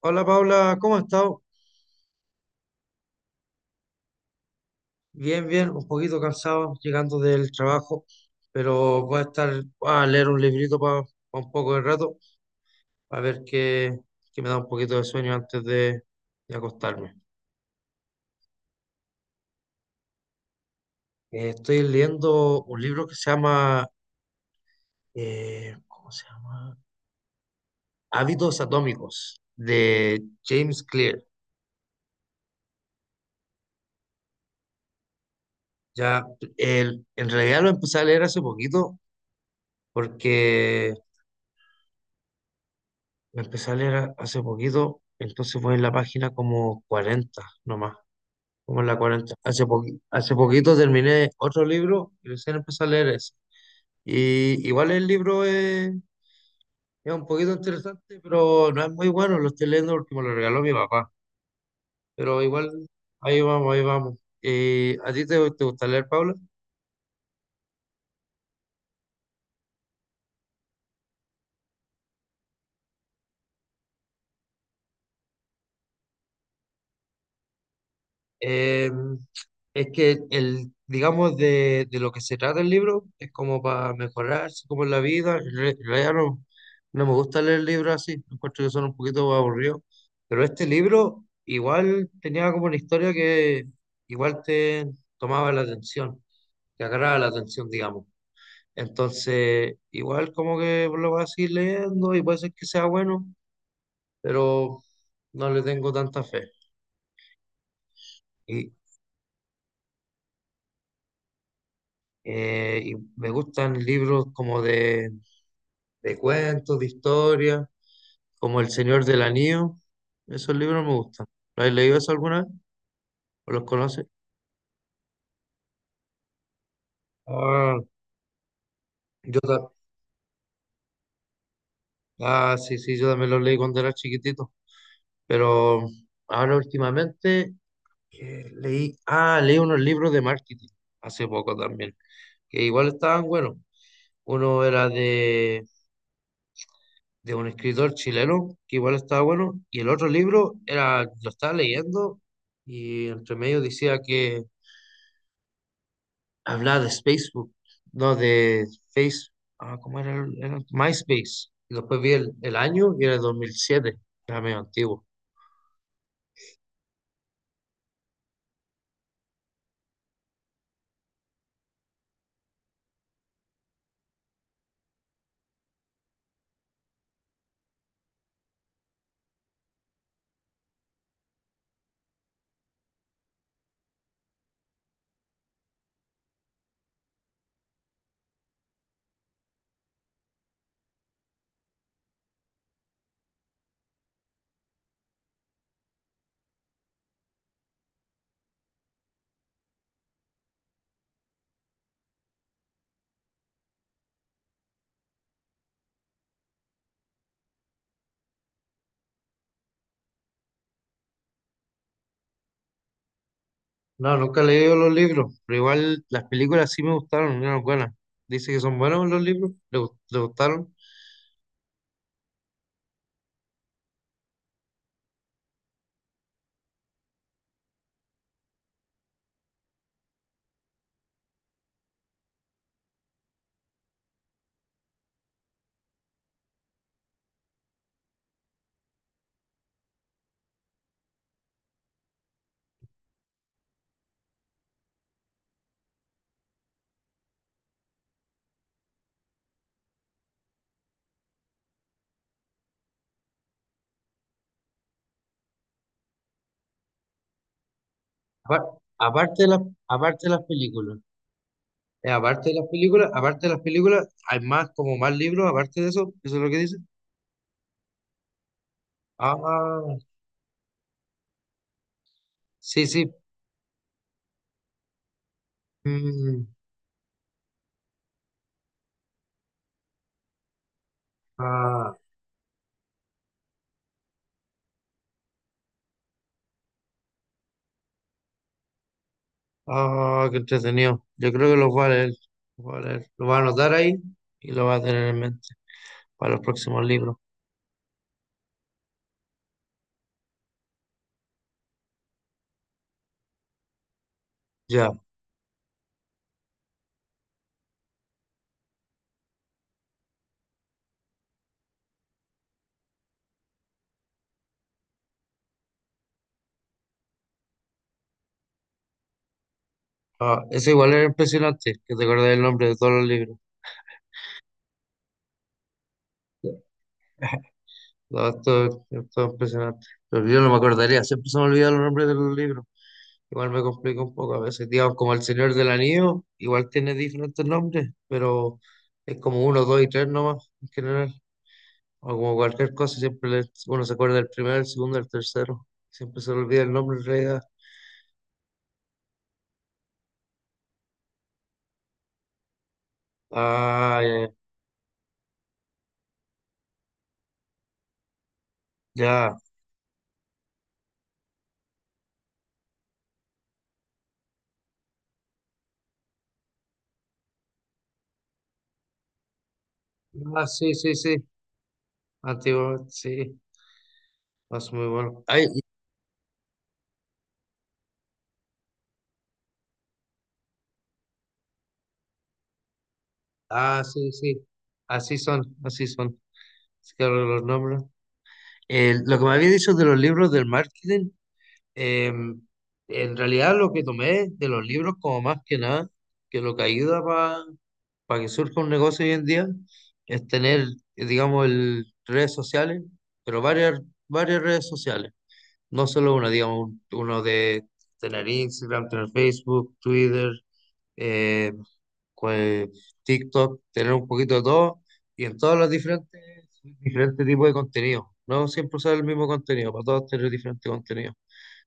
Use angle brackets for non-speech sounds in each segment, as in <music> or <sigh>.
Hola Paula, ¿cómo has estado? Bien, bien, un poquito cansado llegando del trabajo, pero voy a estar a leer un librito para un poco de rato, a ver qué, qué me da un poquito de sueño antes de acostarme. Estoy leyendo un libro que se llama, ¿cómo se llama? Hábitos Atómicos, de James Clear. Ya, en realidad lo empecé a leer hace poquito porque la empecé a leer hace poquito, entonces voy en la página como 40 nomás, como en la cuarenta. Hace poquito terminé otro libro y recién empecé a leer ese. Y igual el libro es un poquito interesante, pero no es muy bueno, lo estoy leyendo porque me lo regaló mi papá. Pero igual ahí vamos, ahí vamos. ¿Y a ti te gusta leer, Paula? Eh, es que el, digamos, de lo que se trata el libro es como para mejorarse, como en la vida. En realidad no, no me gusta leer libros así, encuentro que son un poquito aburridos. Pero este libro igual tenía como una historia que igual te tomaba la atención, te agarraba la atención, digamos. Entonces, igual como que lo vas a seguir leyendo y puede ser que sea bueno, pero no le tengo tanta fe. Y me gustan libros como de cuentos, de historia, como El Señor del Anillo. Esos libros me gustan. ¿Lo has leído eso alguna vez? ¿O los conoces? Ah, yo ta- ah, sí, sí, yo también los leí cuando era chiquitito. Pero ahora últimamente leí unos libros de marketing hace poco también, que igual estaban buenos. Uno era de un escritor chileno que igual estaba bueno, y el otro libro era, lo estaba leyendo y entre medio decía que hablaba de Facebook, no de Face, ah, ¿cómo era? Era MySpace. Y después vi el año y era el 2007, era medio antiguo. No, nunca he leído los libros, pero igual las películas sí me gustaron, eran buenas. Dice que son buenos los libros, le gustaron. Apar- Aparte de las, aparte de las películas. Aparte de las películas, hay más, como más libros, aparte de eso, eso es lo que dice. Ah, sí, sí. Mm, ah, ah, qué entretenido. Yo creo que los va a leer, los va a leer. Lo va a anotar ahí y lo va a tener en mente para los próximos libros. Ya, ah, eso igual era impresionante, que te acordás el nombre de todos los libros. Ya, todo, todo, impresionante. Pero yo no me acordaría, siempre se me olvidan los nombres de los libros. Igual me complica un poco a veces, digamos, como El Señor del Anillo, igual tiene diferentes nombres, pero es como uno, dos y tres nomás en general, o como cualquier cosa, siempre uno se acuerda del primero, el segundo, el tercero, siempre se le olvida el nombre en realidad. Ah, ya, ya. Ah, sí, sí, sí, antiguo, sí, es muy bueno. Ay, ah, sí, sí, así son, así son, así que ahora los nombres. Lo que me había dicho de los libros del marketing, Em, en realidad lo que tomé de los libros como más que nada, que lo que ayuda para que surja un negocio hoy en día es tener, digamos, el, redes sociales, pero varias, varias redes sociales, no solo una, digamos, uno de tener Instagram, tener Facebook, Twitter, eh, cual- TikTok, tener un poquito de todo y en todas las diferentes, diferentes tipos de contenido, no siempre usar el mismo contenido, para todos tener diferentes contenidos.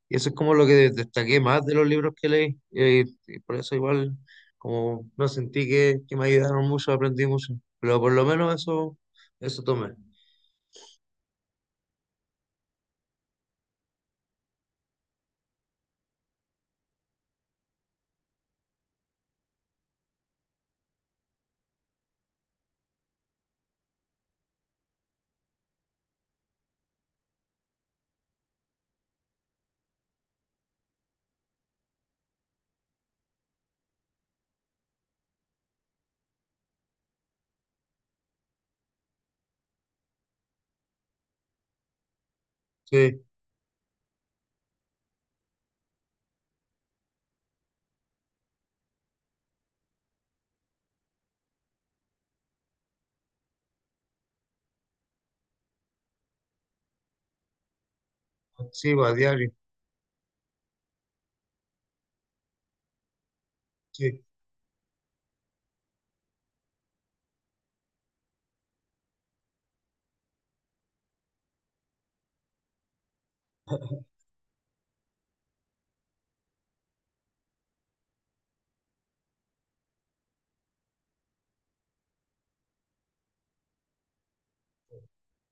Y eso es como lo que destaqué más de los libros que leí. Y por eso igual, como no sentí que me ayudaron mucho, aprendí mucho. Pero por lo menos eso, eso tomé. Sí, sí, pues, a diario. Sí,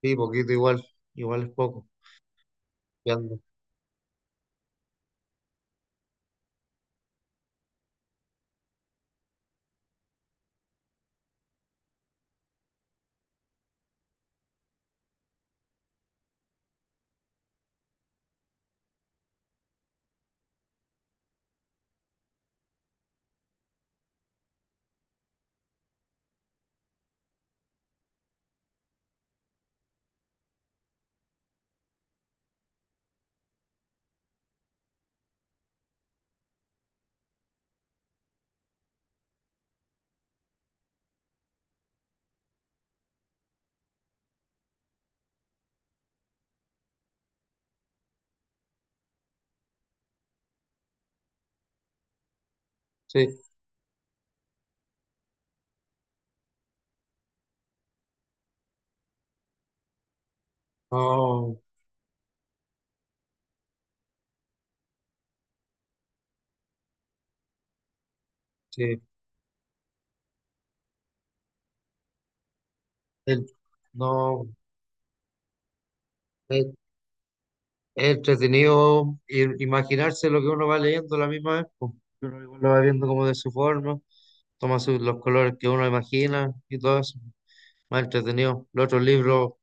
sí, poquito igual. Igual es poco. Y ando. Sí, no, sí. el- no, es, es entretenido imaginarse lo que uno va leyendo a la misma vez, pues. Uno igual lo va viendo como de su forma, los colores que uno imagina y todo eso. Más entretenido. Los otros libros,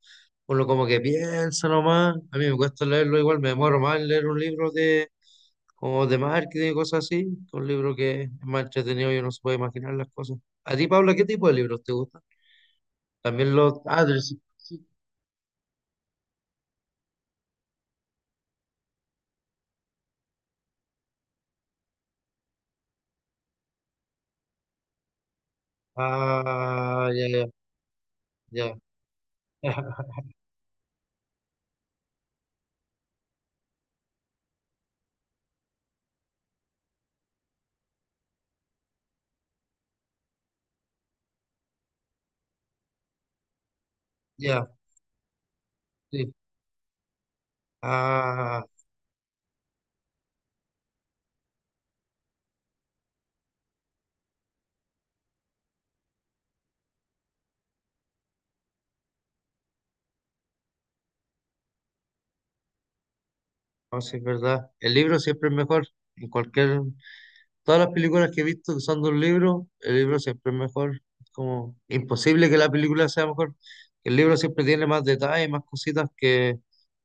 uno como que piensa nomás. A mí me cuesta leerlo igual, me demoro más en leer un libro de como de marketing y cosas así. Un libro que es más entretenido y uno se puede imaginar las cosas. A ti, Paula, ¿qué tipo de libros te gustan? También los... Ah, sí. Ah, ya, ya, ya. <laughs> Ya, sí. Ah, no, sí, es verdad. El libro siempre es mejor en cualquier. Todas las películas que he visto que son de un libro, el libro siempre es mejor. Es como imposible que la película sea mejor. El libro siempre tiene más detalles, más cositas que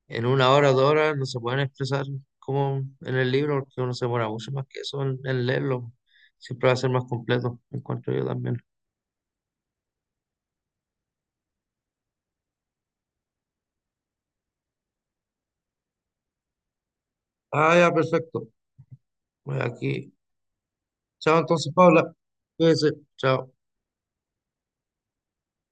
en una hora, dos horas no se pueden expresar como en el libro, porque uno se demora mucho más que eso en leerlo. Siempre va a ser más completo, encuentro yo también. Ah, ya, perfecto. Voy aquí. Chao entonces, Paula. Cuídese. Chao.